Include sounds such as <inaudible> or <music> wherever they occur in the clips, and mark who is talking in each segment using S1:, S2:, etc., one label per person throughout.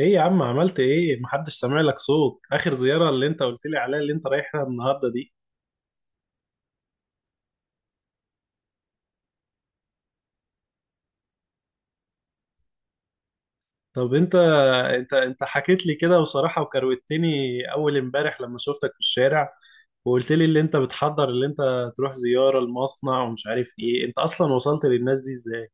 S1: ايه يا عم، عملت ايه؟ محدش سامع لك صوت. اخر زيارة اللي انت قلت لي عليها اللي انت رايحها النهاردة دي، طب انت حكيت لي كده وصراحة وكروتني اول امبارح لما شفتك في الشارع، وقلت لي اللي انت بتحضر، اللي انت تروح زيارة المصنع ومش عارف ايه. انت اصلا وصلت للناس دي ازاي؟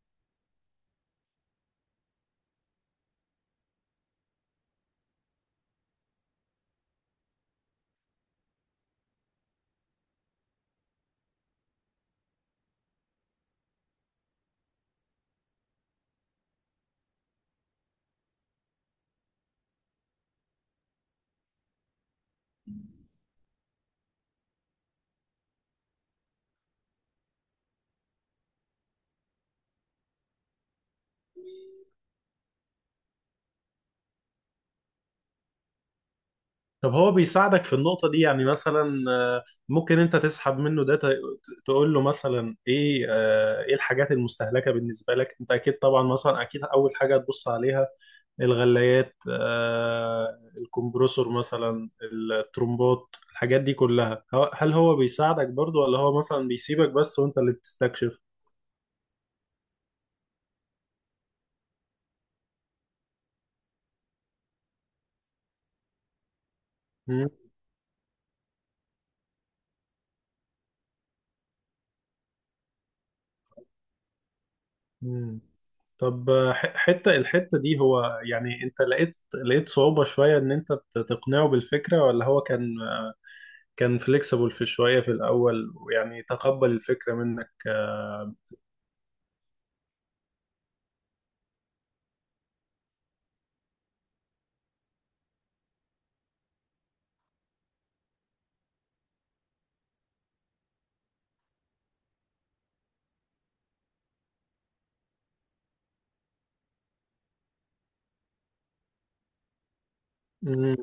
S1: طب هو بيساعدك في النقطة دي؟ يعني مثلا ممكن انت تسحب منه ده، تقول له مثلا ايه. ايه الحاجات المستهلكة بالنسبة لك؟ انت اكيد طبعا مثلا اكيد اول حاجة تبص عليها الغلايات، الكمبروسور، مثلا الترمبات، الحاجات دي كلها. هل هو بيساعدك برضو ولا هو مثلا بيسيبك بس وانت اللي بتستكشف؟ مم. مم. طب حتة الحتة دي، هو يعني انت لقيت صعوبة شوية ان انت تقنعه بالفكرة، ولا هو كان فليكسبل في شوية في الأول ويعني تقبل الفكرة منك؟ مم.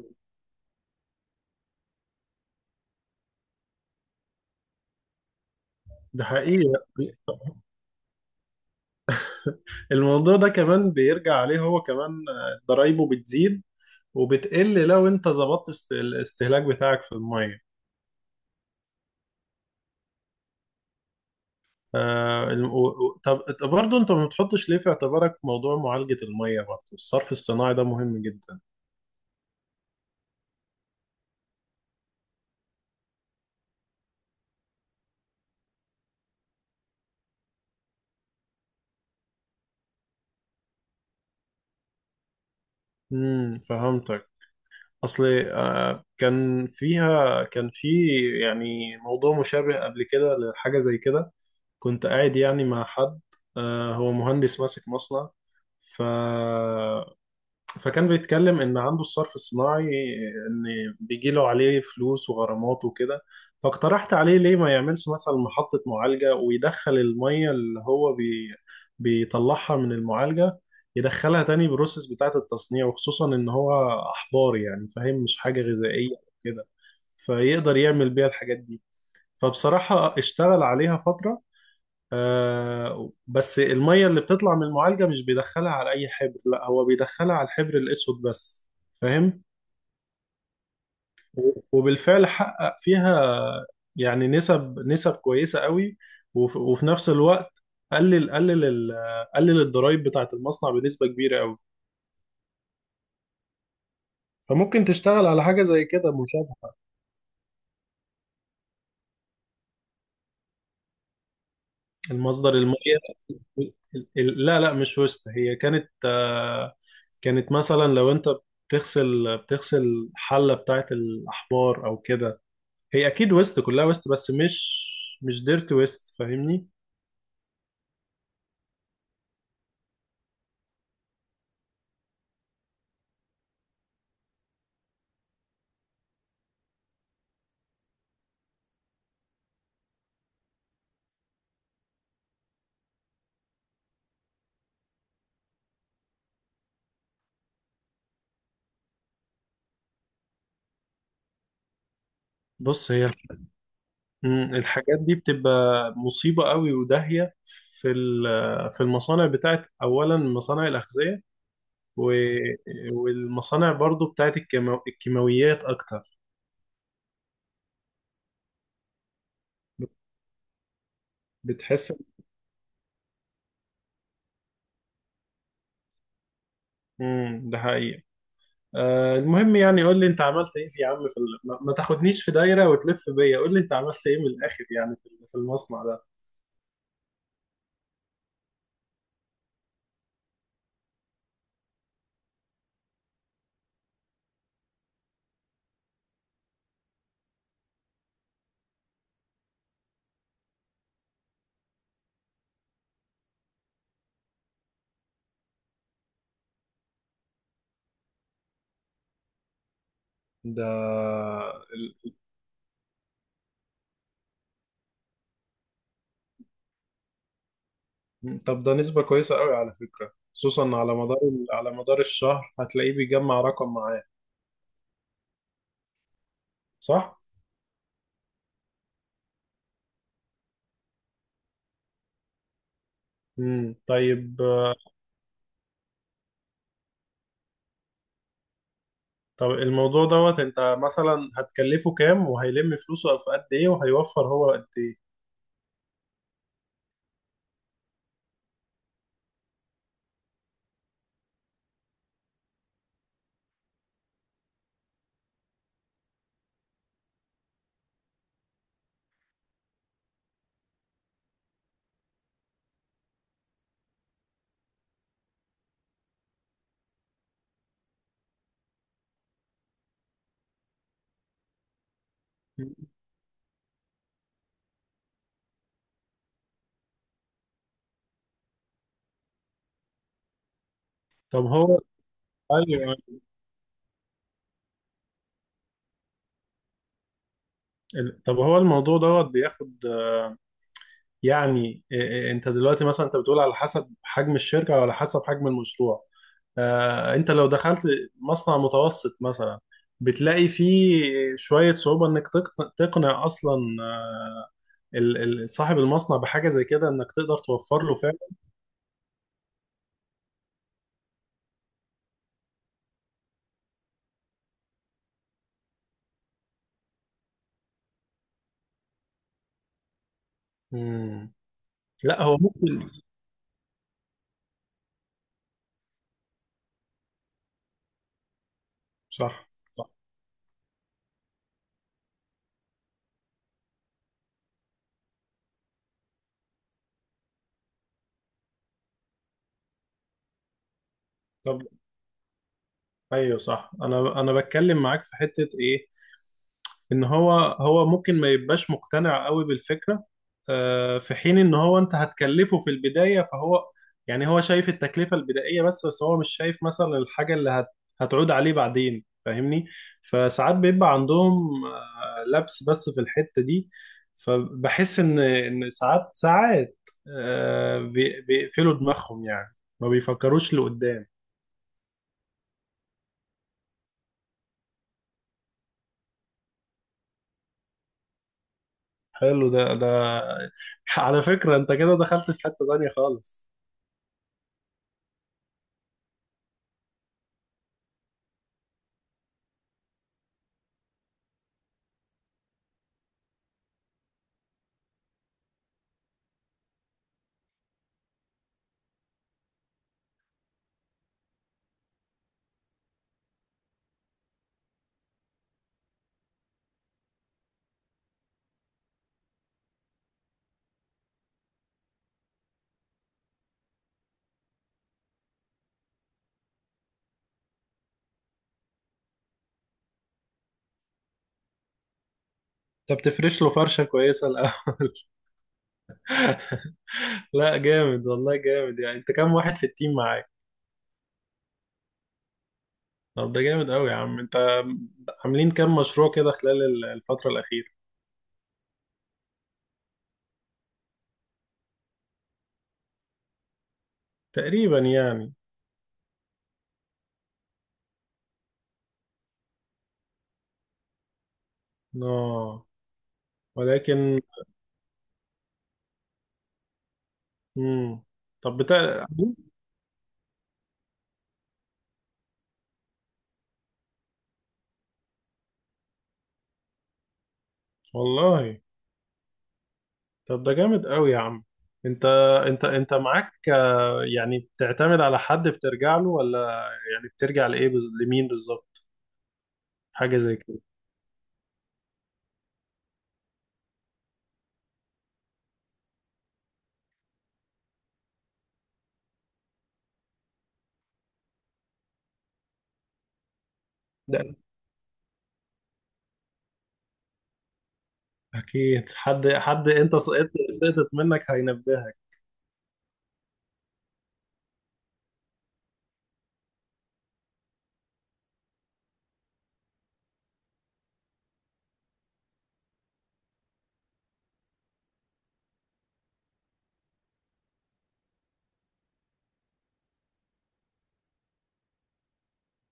S1: ده حقيقي. <laughs> الموضوع ده كمان بيرجع عليه هو كمان. ضرايبه بتزيد وبتقل لو انت ظبطت الاستهلاك بتاعك في الميه. طب برضه انت ما بتحطش ليه في اعتبارك موضوع معالجة الميه برضه؟ الصرف الصناعي ده مهم جدا. امم، فهمتك. اصل كان فيها كان في يعني موضوع مشابه قبل كده لحاجة زي كده. كنت قاعد يعني مع حد، هو مهندس ماسك مصنع. ف فكان بيتكلم ان عنده الصرف الصناعي، ان بيجي له عليه فلوس وغرامات وكده. فاقترحت عليه ليه ما يعملش مثلا محطة معالجة، ويدخل المية اللي هو بيطلعها من المعالجة، يدخلها تاني بروسيس بتاعة التصنيع، وخصوصا ان هو احبار، يعني فاهم، مش حاجة غذائية كده، فيقدر يعمل بيها الحاجات دي. فبصراحة اشتغل عليها فترة. بس المية اللي بتطلع من المعالجة مش بيدخلها على أي حبر، لا، هو بيدخلها على الحبر الأسود بس، فاهم. وبالفعل حقق فيها يعني نسب كويسة قوي. وف- وفي نفس الوقت قلل قلل ال- قلل الضرايب بتاعة المصنع بنسبة كبيرة قوي. فممكن تشتغل على حاجة زي كده مشابهة. المصدر المية ال- لا، لا، مش وسط. هي كانت كانت مثلا لو انت بتغسل حلة بتاعة الأحبار أو كده، هي اكيد ويست، كلها ويست، بس مش ديرت ويست، فاهمني؟ بص هي، مم، الحاجات دي بتبقى مصيبة قوي وداهية في في المصانع بتاعت اولا مصانع الاغذية، و- والمصانع برضو بتاعت الكيماويات اكتر. بتحس. امم، ده حقيقي. المهم، يعني قول لي انت عملت ايه في يا عم في ما تاخدنيش في دايرة وتلف بيا. قول لي انت عملت ايه من الاخر يعني في المصنع ده؟ ده مم. طب ده نسبة كويسة قوي على فكرة، خصوصا على مدار، على مدار الشهر هتلاقيه بيجمع رقم معاه، صح؟ امم، طيب. طب الموضوع دوت انت مثلا هتكلفه كام، وهيلم فلوسه في قد ايه، وهيوفر هو قد ايه؟ مم. طب هو، ايوه. طب هو الموضوع دوت بياخد يعني إيه- إيه، انت دلوقتي مثلا انت بتقول على حسب حجم الشركة او على حسب حجم المشروع. انت لو دخلت مصنع متوسط مثلا، بتلاقي فيه شوية صعوبة انك تقنع اصلا ال- صاحب المصنع بحاجة زي كده، انك تقدر توفر له فعلا. مم. لا، هو ممكن. صح. صح. طب، ايوه صح، انا انا بتكلم معاك في حتة ايه. ان هو هو ممكن ما يبقاش مقتنع قوي بالفكرة، في حين ان هو انت هتكلفه في البداية. فهو يعني هو شايف التكلفة البدائية بس، بس هو مش شايف مثلا الحاجة اللي هتعود عليه بعدين، فاهمني. فساعات بيبقى عندهم لبس بس في الحتة دي. فبحس ان ساعات، بيقفلوا دماغهم، يعني ما بيفكروش لقدام. حلو. ده على فكرة، انت كده دخلت في حتة تانية خالص. انت بتفرش له فرشة كويسة الأول. <laughs> لا جامد، والله جامد. يعني انت كام واحد في التيم معاك؟ طب ده جامد قوي يا عم انت. عاملين كام مشروع كده خلال الفترة الأخيرة تقريبا يعني؟ اه، ولكن. مم. طب بتاع. والله، طب ده جامد قوي يا عم انت. انت معاك، يعني بتعتمد على حد بترجع له، ولا يعني بترجع لمين بالظبط؟ حاجة زي كده. ده أكيد حد أنت سقطت، سقطت منك، هينبهك.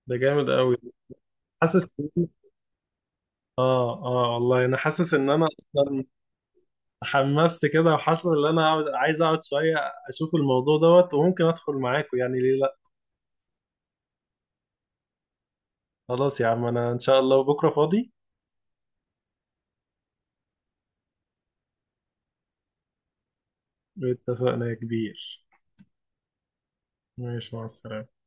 S1: ده جامد قوي. حاسس إن- آه آه والله، أنا حاسس إن أنا أصلا حمست كده، وحاسس إن أنا عايز أقعد شوية، أشوف الموضوع دوت، وممكن أدخل معاكم يعني. ليه لأ؟ خلاص يا عم، أنا إن شاء الله بكرة فاضي. اتفقنا يا كبير. ماشي، مع السلامة.